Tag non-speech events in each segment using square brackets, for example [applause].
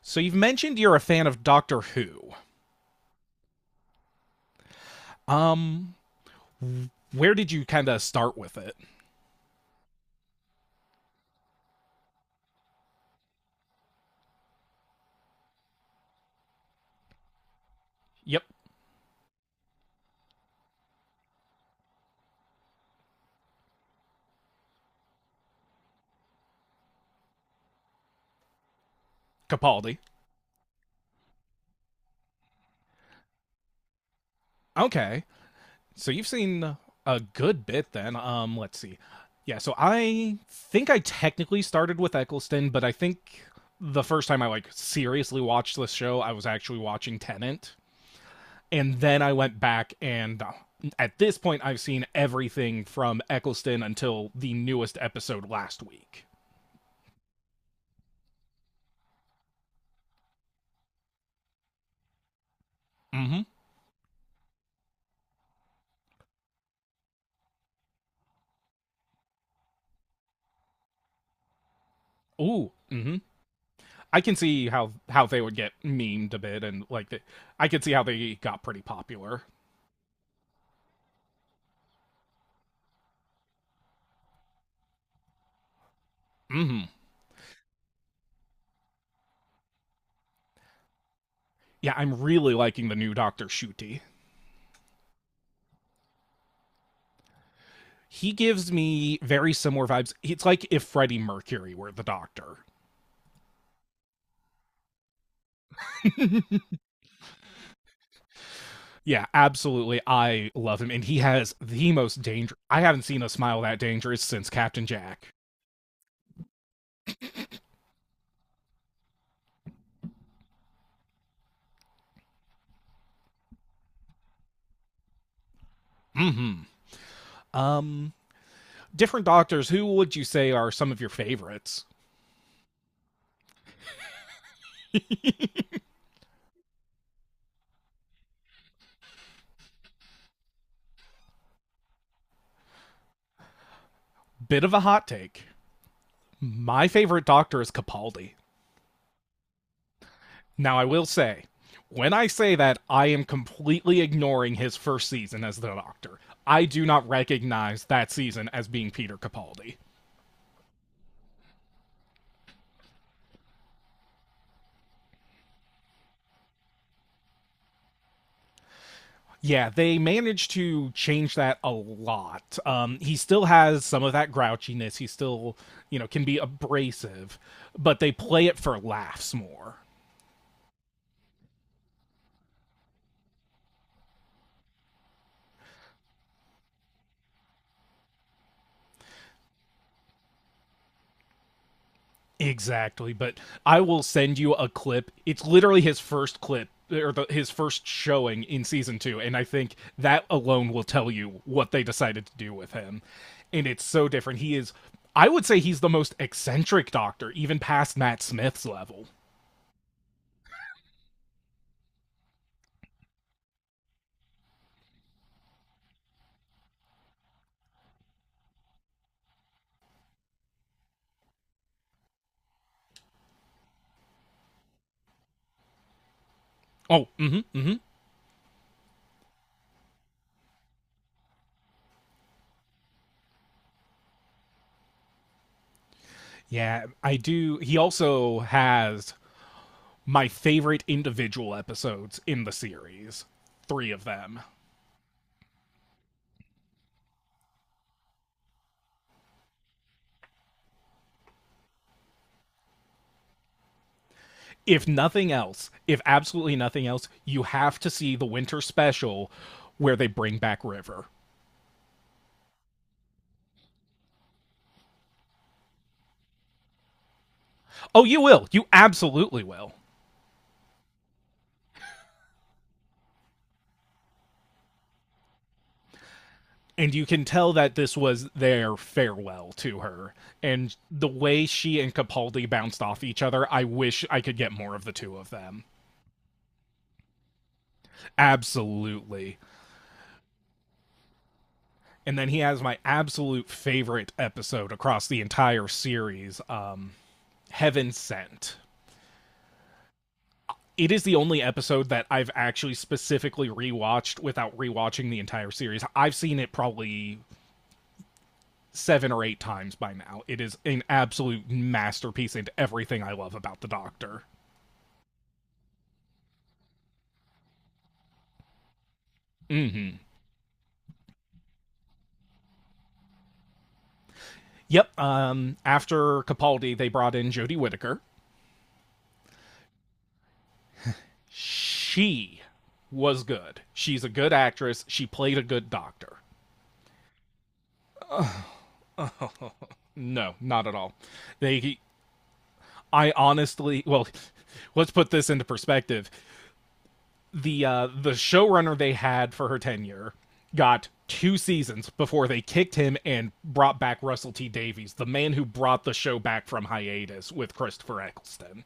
So you've mentioned you're a fan of Doctor Who. Um, where did you kind of start with it? Yep, Capaldi. Okay, so you've seen a good bit then. Let's see. Yeah, so I think I technically started with Eccleston, but I think the first time I like seriously watched this show, I was actually watching Tenant, and then I went back and at this point I've seen everything from Eccleston until the newest episode last week. Mm-hmm. Ooh. Mm-hmm. I can see how they would get memed a bit, and like I could see how they got pretty popular. Hmm Yeah, I'm really liking the new Doctor Shuti. He gives me very similar vibes. It's like if Freddie Mercury were the Doctor. Yeah, absolutely. I love him, and he has the most dangerous. I haven't seen a smile that dangerous since Captain Jack. Hmm Um, Different Doctors. Who would you say are some of your favorites? Bit of a hot take. My favorite Doctor is Capaldi. Now, I will say, when I say that, I am completely ignoring his first season as the Doctor. I do not recognize that season as being Peter Capaldi. Yeah, they managed to change that a lot. He still has some of that grouchiness. He still, you know, can be abrasive, but they play it for laughs more. Exactly, but I will send you a clip. It's literally his first clip or his first showing in season 2, and I think that alone will tell you what they decided to do with him. And it's so different. He is I would say he's the most eccentric doctor even past Matt Smith's level. Oh, mm mhm, mm mhm. Yeah, I do. He also has my favorite individual episodes in the series. three of them. If nothing else, if absolutely nothing else, you have to see the winter special where they bring back River. Oh, you will. You absolutely will. And you can tell that this was their farewell to her. And the way she and Capaldi bounced off each other, I wish I could get more of the two of them. Absolutely. And then he has my absolute favorite episode across the entire series, Heaven Sent. It is the only episode that I've actually specifically rewatched without rewatching the entire series. I've seen it probably 7 or 8 times by now. It is an absolute masterpiece into everything I love about the Doctor. Mm-hmm. Yep. After Capaldi, they brought in Jodie Whittaker. She was good. She's a good actress. She played a good Doctor. No, not at all. They, I honestly, well, [laughs] let's put this into perspective. The the showrunner they had for her tenure got 2 seasons before they kicked him and brought back Russell T Davies, the man who brought the show back from hiatus with Christopher Eccleston.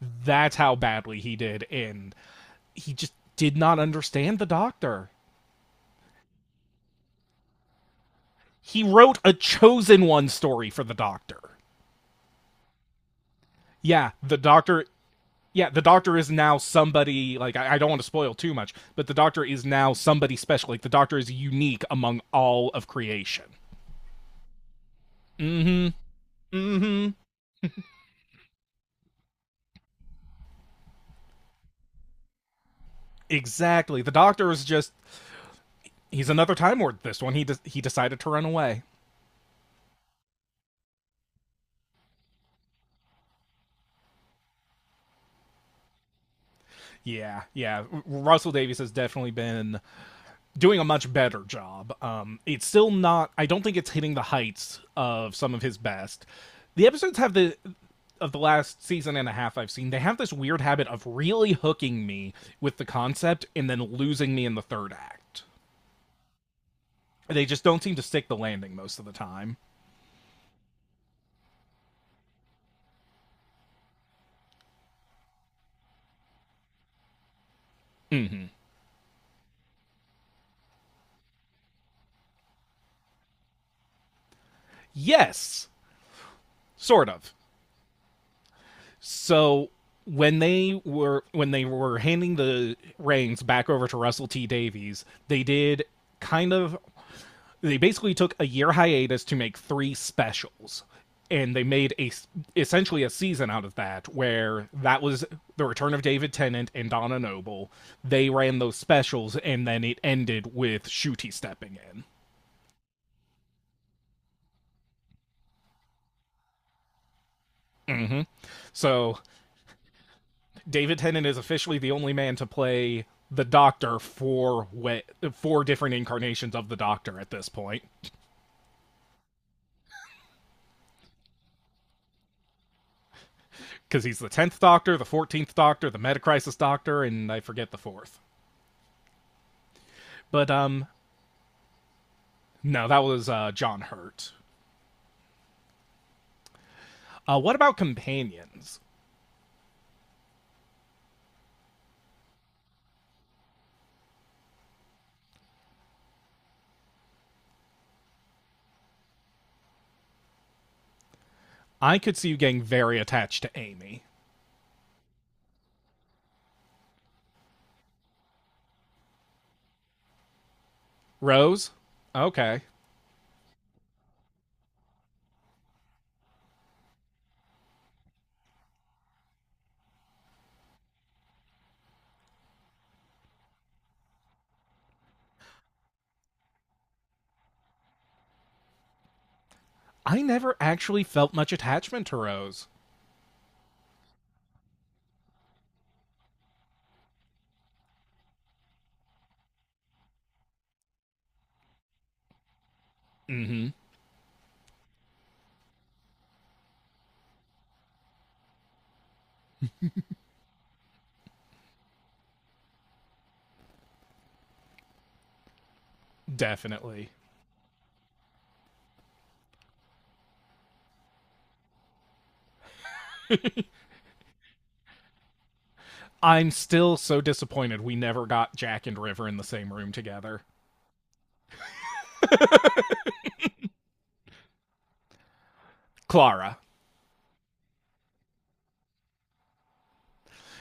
That's how badly he did, and he just did not understand the Doctor. He wrote a chosen one story for the Doctor. Yeah, the Doctor. Yeah, the Doctor is now somebody like I don't want to spoil too much, but the Doctor is now somebody special. Like the Doctor is unique among all of creation. Mm-hmm. Mm-hmm. Exactly. The doctor is just he's another time lord this one. He decided to run away. Yeah, yeah. Russell Davies has definitely been doing a much better job. It's still not I don't think it's hitting the heights of some of his best. The episodes have the Of the last season and a half I've seen, they have this weird habit of really hooking me with the concept and then losing me in the third act. They just don't seem to stick the landing most of the time. Yes, sort of. So when they were handing the reins back over to Russell T Davies, they did kind of they basically took a year hiatus to make three specials and they made a essentially a season out of that where that was the return of David Tennant and Donna Noble. They ran those specials and then it ended with Shooty stepping in. Mm-hmm. So David Tennant is officially the only man to play the Doctor four way, four different incarnations of the Doctor at this point, because he's the tenth Doctor, the 14th Doctor, the Metacrisis Doctor, and I forget the fourth. But no, that was John Hurt. What about companions? I could see you getting very attached to Amy. Rose? Okay. I never actually felt much attachment to Rose. Mm hmm. Definitely. I'm still so disappointed we never got Jack and River in the same room together. Clara.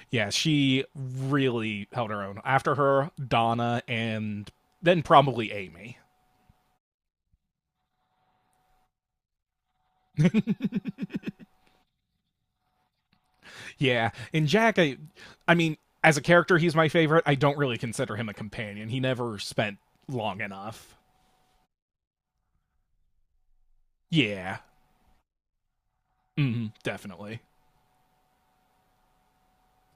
Yeah, she really held her own. After her, Donna and then probably Amy. Yeah, and Jack I mean, as a character he's my favorite. I don't really consider him a companion. He never spent long enough. Yeah. Hmm, definitely.